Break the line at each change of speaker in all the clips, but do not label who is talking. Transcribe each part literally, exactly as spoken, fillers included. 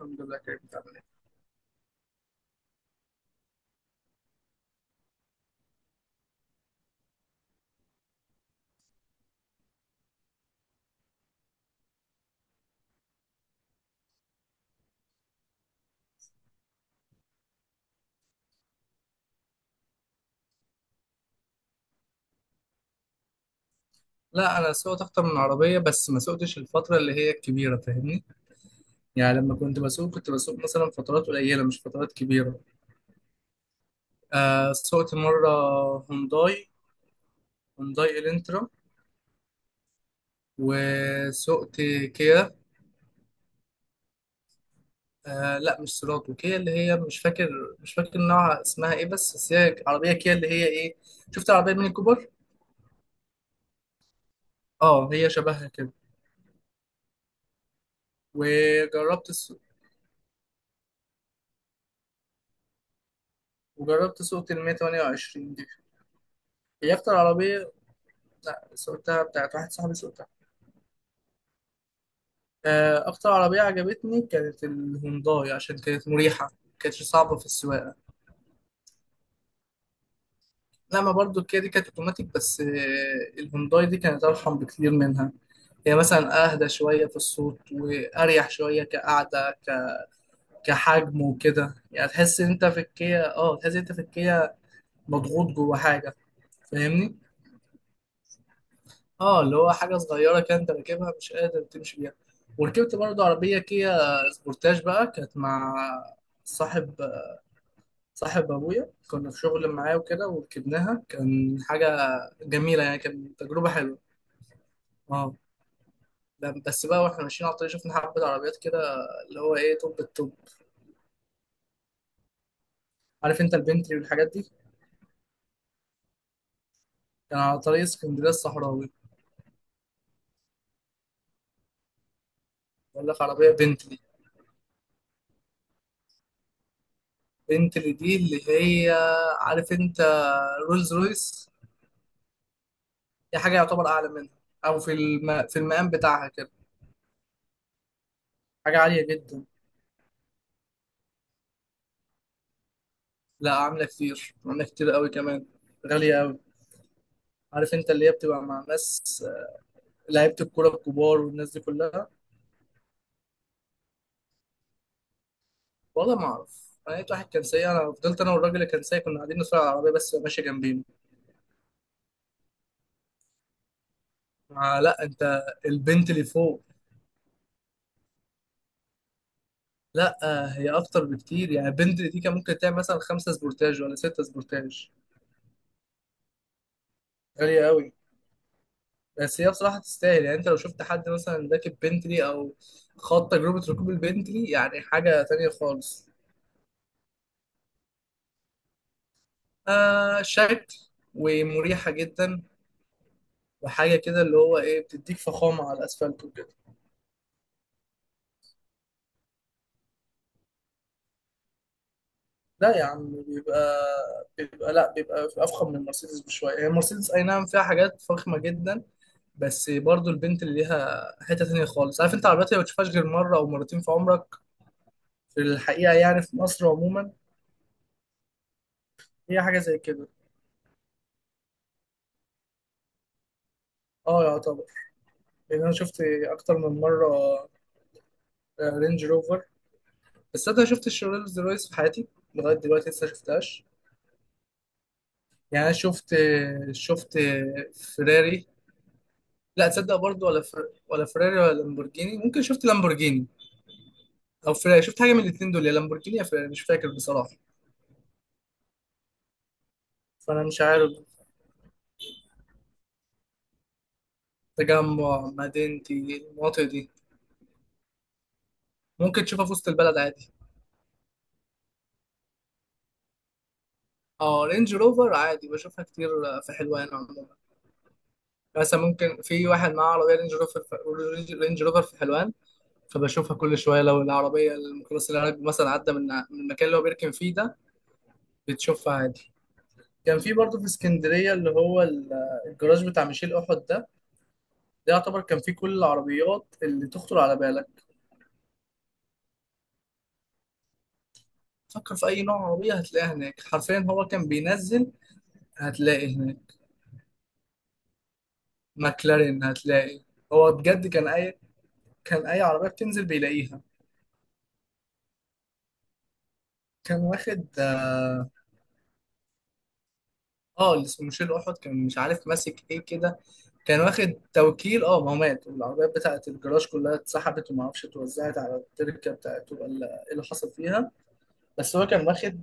الحمد لله كريم. بتعمل ايه؟ لا انا سوقت اكتر من عربيه بس ما سوقتش الفتره اللي هي الكبيره، فاهمني؟ يعني لما كنت بسوق كنت بسوق مثلا فترات قليله مش فترات كبيره. آه سوقت مره هونداي، هونداي الانترا، وسوقت كيا. آه لا مش سيراتو، كيا اللي هي مش فاكر مش فاكر نوعها اسمها ايه، بس بس هي عربيه كيا اللي هي ايه. شفت عربيه ميني كوبر؟ اه هي شبهها كده. وجربت السوق، وجربت سوقت المية مية تمنية وعشرين دي، هي اكتر عربيه. لا سوقتها بتاعت واحد صاحبي سوقتها. آه، أكتر عربية عجبتني كانت الهونداي عشان كانت مريحة، ما كانتش صعبة في السواقة. لما برضو الكيا دي كانت أوتوماتيك بس آه، الهونداي دي كانت أرحم بكتير منها. هي مثلا أهدى شوية في الصوت وأريح شوية كقعدة، ك... كحجم وكده. يعني تحس إن أنت في الكيا، أه تحس إن أنت في الكيا مضغوط جوه حاجة، فاهمني؟ اه اللي هو حاجه صغيره كده انت راكبها مش قادر تمشي بيها. وركبت برضه عربيه كيا سبورتاج بقى، كانت مع صاحب، صاحب ابويا. كنا في شغل معاه وكده وركبناها، كان حاجه جميله يعني، كانت تجربه حلوه. اه ب- بس بقى واحنا ماشيين على الطريق شفنا حبه عربيات كده اللي هو ايه توب، التوب، عارف انت، البنتلي والحاجات دي. كان على طريق اسكندريه الصحراوي. بقول لك عربيه بنتلي. بنتلي دي اللي هي، عارف انت، رولز رويس، دي حاجة يعتبر أعلى منها، أو في الم... في المقام بتاعها كده. حاجة عالية جدا. لا عاملة كتير، عاملة كتير قوي كمان، غالية قوي. عارف أنت اللي هي بتبقى مع ناس آه، لعيبة الكورة الكبار والناس دي كلها. والله ما أعرف، أنا لقيت واحد كان سايق، أنا فضلت أنا والراجل اللي كان سايق كنا قاعدين نتفرج على العربية بس ماشية جنبينا. آه لا أنت البنت اللي فوق. لا آه، هي أكتر بكتير يعني، البنت دي كان ممكن تعمل مثلا خمسة سبورتاج ولا ستة سبورتاج. غالية قوي. بس هي بصراحة تستاهل يعني، انت لو شفت حد مثلا راكب بنتلي او خاض تجربة ركوب البنتلي يعني حاجة تانية خالص. آه شكل، ومريحة جدا، وحاجة كده اللي هو ايه بتديك فخامة على الاسفلت وكده. لا يا عم بيبقى، بيبقى لا بيبقى افخم من المرسيدس بشوية. هي المرسيدس اي نعم فيها حاجات فخمة جدا بس برضو البنت اللي ليها حتة تانية خالص. عارف انت عربيات اللي ما بتشوفهاش غير مرة او مرتين في عمرك، في الحقيقة يعني في مصر عموما. هي حاجة زي كده. اه يعتبر، لان انا شفت اكتر من مره رينج روفر، بس انا شفت الرولز رويس في حياتي لغايه دلوقتي لسه شفتهاش. يعني انا شفت، شفت فيراري لا تصدق، برضو ولا فر... ولا فيراري ولا لامبورجيني. ممكن شفت لامبورجيني او فيراري، شفت حاجه من الاثنين دول، يا لامبورجيني يا فيراري، مش فاكر بصراحه، فانا مش عارف. تجمع مدينتي المناطق دي، ممكن تشوفها في وسط البلد عادي. اه رينج روفر عادي بشوفها كتير في حلوان عموما. مثلا ممكن في واحد معاه عربيه رينج روفر، رينج روفر في حلوان، فبشوفها كل شويه. لو العربيه الميكروباص العربي مثلا عدى من من المكان اللي هو بيركن فيه ده، بتشوفها عادي. كان في برضه في اسكندريه اللي هو ال- الجراج بتاع ميشيل احد ده، ده يعتبر كان فيه كل العربيات اللي تخطر على بالك. فكر في اي نوع عربيه هتلاقيها هناك، حرفيا. هو كان بينزل هتلاقي هناك ماكلارين، هتلاقي. هو بجد كان اي، كان اي عربيه بتنزل بيلاقيها. كان واخد، اه آه، اللي اسمه ميشيل احد كان مش عارف ماسك ايه كده. كان واخد توكيل. اه ما هو مات والعربيات بتاعت الجراج كلها اتسحبت، وما اعرفش اتوزعت على التركه بتاعته ولا ايه اللي حصل فيها. بس هو كان واخد،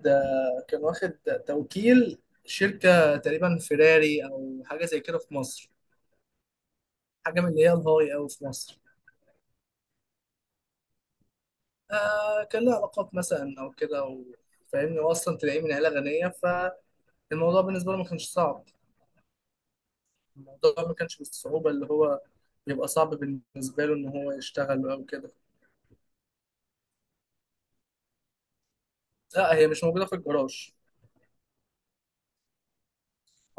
كان واخد توكيل شركه تقريبا فيراري او حاجه زي كده في مصر، حاجه من اللي هي الهاي او في مصر. آه كان له علاقات مثلا او كده و-. فاهمني واصلا تلاقيه من عيله غنيه، فالموضوع بالنسبه له ما كانش صعب. الموضوع ما كانش بالصعوبه اللي هو يبقى صعب بالنسبه له ان هو يشتغل او كده. لا هي مش موجوده في الجراج.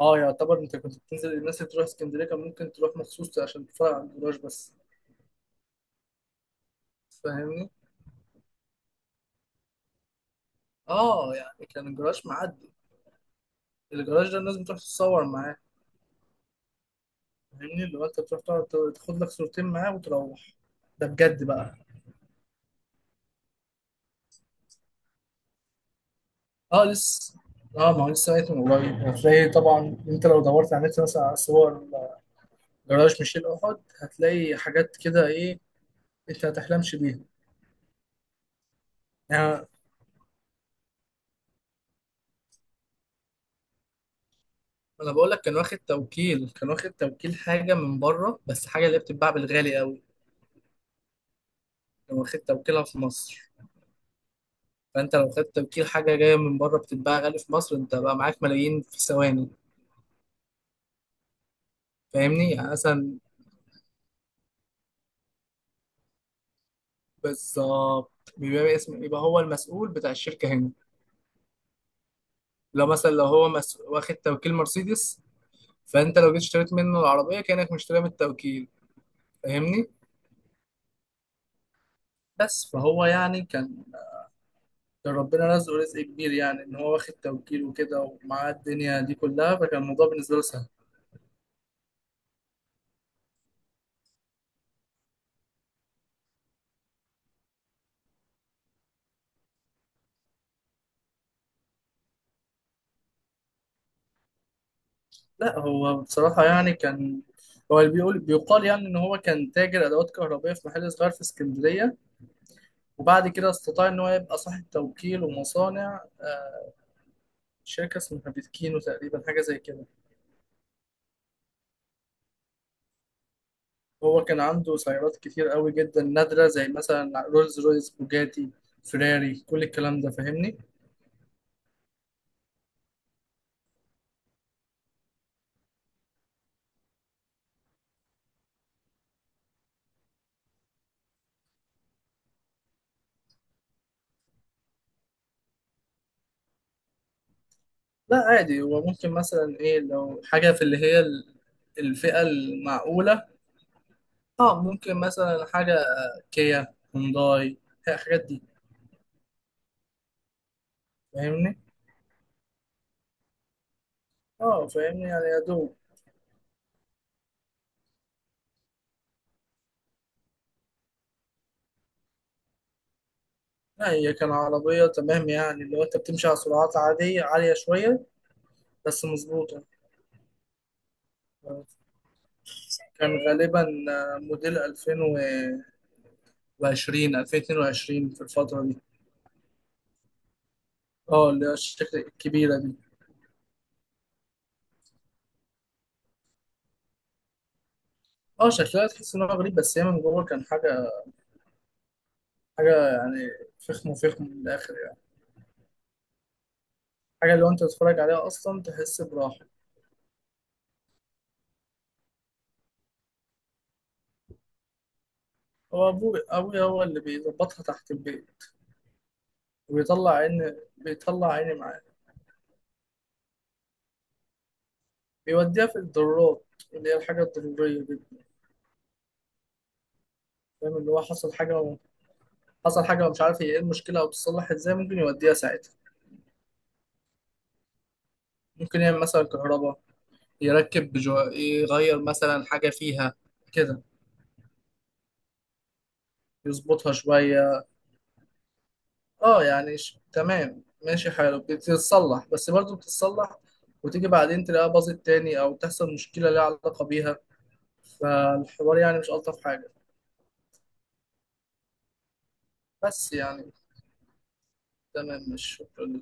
اه يعتبر، انت كنت بتنزل الناس اللي بتروح اسكندريه كان ممكن تروح مخصوص عشان تتفرج على الجراج بس، فاهمني. اه يعني كان الجراج معدي، الجراج ده الناس بتروح تتصور معاه، فاهمني. اللي هو انت بتروح تقعد ت- تاخد لك صورتين معاه وتروح. ده بجد بقى. اه لسه، اه ما هو لسه لقيته من قريب. هتلاقي طبعا انت لو دورت على النت مثلا على صور جراج ميشيل احد، هتلاقي حاجات كده ايه انت ما تحلمش بيها. يعني انا بقول لك كان واخد توكيل، كان واخد توكيل حاجه من بره، بس حاجه اللي هي بتتباع بالغالي قوي. لو خدت توكيلها في مصر، فانت لو خدت توكيل حاجه جايه من بره بتتباع غالي في مصر انت بقى معاك ملايين في ثواني، فاهمني. يعني مثلا بالظبط بيبقى اسم، يبقى هو المسؤول بتاع الشركه هنا. لو مثلا لو هو مس... واخد توكيل مرسيدس، فانت لو جيت اشتريت منه العربيه كانك مشتريها من التوكيل، فاهمني. بس فهو يعني كان، كان ربنا رزقه رزق كبير يعني ان هو واخد توكيل وكده ومعاه الدنيا دي كلها، فكان الموضوع بالنسبه له سهل. لا هو بصراحة يعني كان، هو اللي بيقول بيقال يعني إن هو كان تاجر أدوات كهربائية في محل صغير في اسكندرية، وبعد كده استطاع إن هو يبقى صاحب توكيل ومصانع. آه، شركة اسمها بيتكينو تقريبا، حاجة زي كده. هو كان عنده سيارات كتير قوي جدا نادرة، زي مثلا رولز رويس، بوجاتي، فيراري، كل الكلام ده، فاهمني. لا عادي، هو ممكن مثلا إيه لو حاجة في اللي هي ال- الفئة المعقولة. اه ممكن مثلا حاجة كيا، هونداي، الحاجات دي، فاهمني. اه فاهمني، يعني يا دوب. لا هي كان عربية تمام، يعني لو انت بتمشي على سرعات عادية عالية شوية بس مظبوطة. كان غالبا آه، موديل ألفين وعشرين، ألفين واتنين وعشرين في الفترة دي. اه اللي هي الشكل الكبيرة دي. اه شكلها تحس ان هو غريب، بس هي من جوه كان حاجة، حاجة يعني فخم، فخم من الآخر يعني. حاجة اللي هو انت تتفرج عليها أصلا تحس براحة. هو أبوي، أبوي هو اللي بيظبطها تحت البيت، وبيطلع عيني، بيطلع عيني بيوديها في الضرورات، اللي هي الحاجة الضرورية جدا، فاهم. اللي هو حصل حاجة و..، حصل حاجة ومش عارف هي ايه المشكلة أو بتتصلح ازاي، ممكن يوديها ساعتها. ممكن يعمل مثلا كهرباء، يركب بجو... يغير مثلا حاجة فيها كده، يظبطها شوية. اه يعني ش... تمام ماشي حاله، بتتصلح بس برضه بتتصلح وتيجي بعدين تلاقيها باظت تاني أو تحصل مشكلة ليها علاقة بيها. فالحوار يعني مش ألطف حاجة. بس يعني تمام، مش شكرا.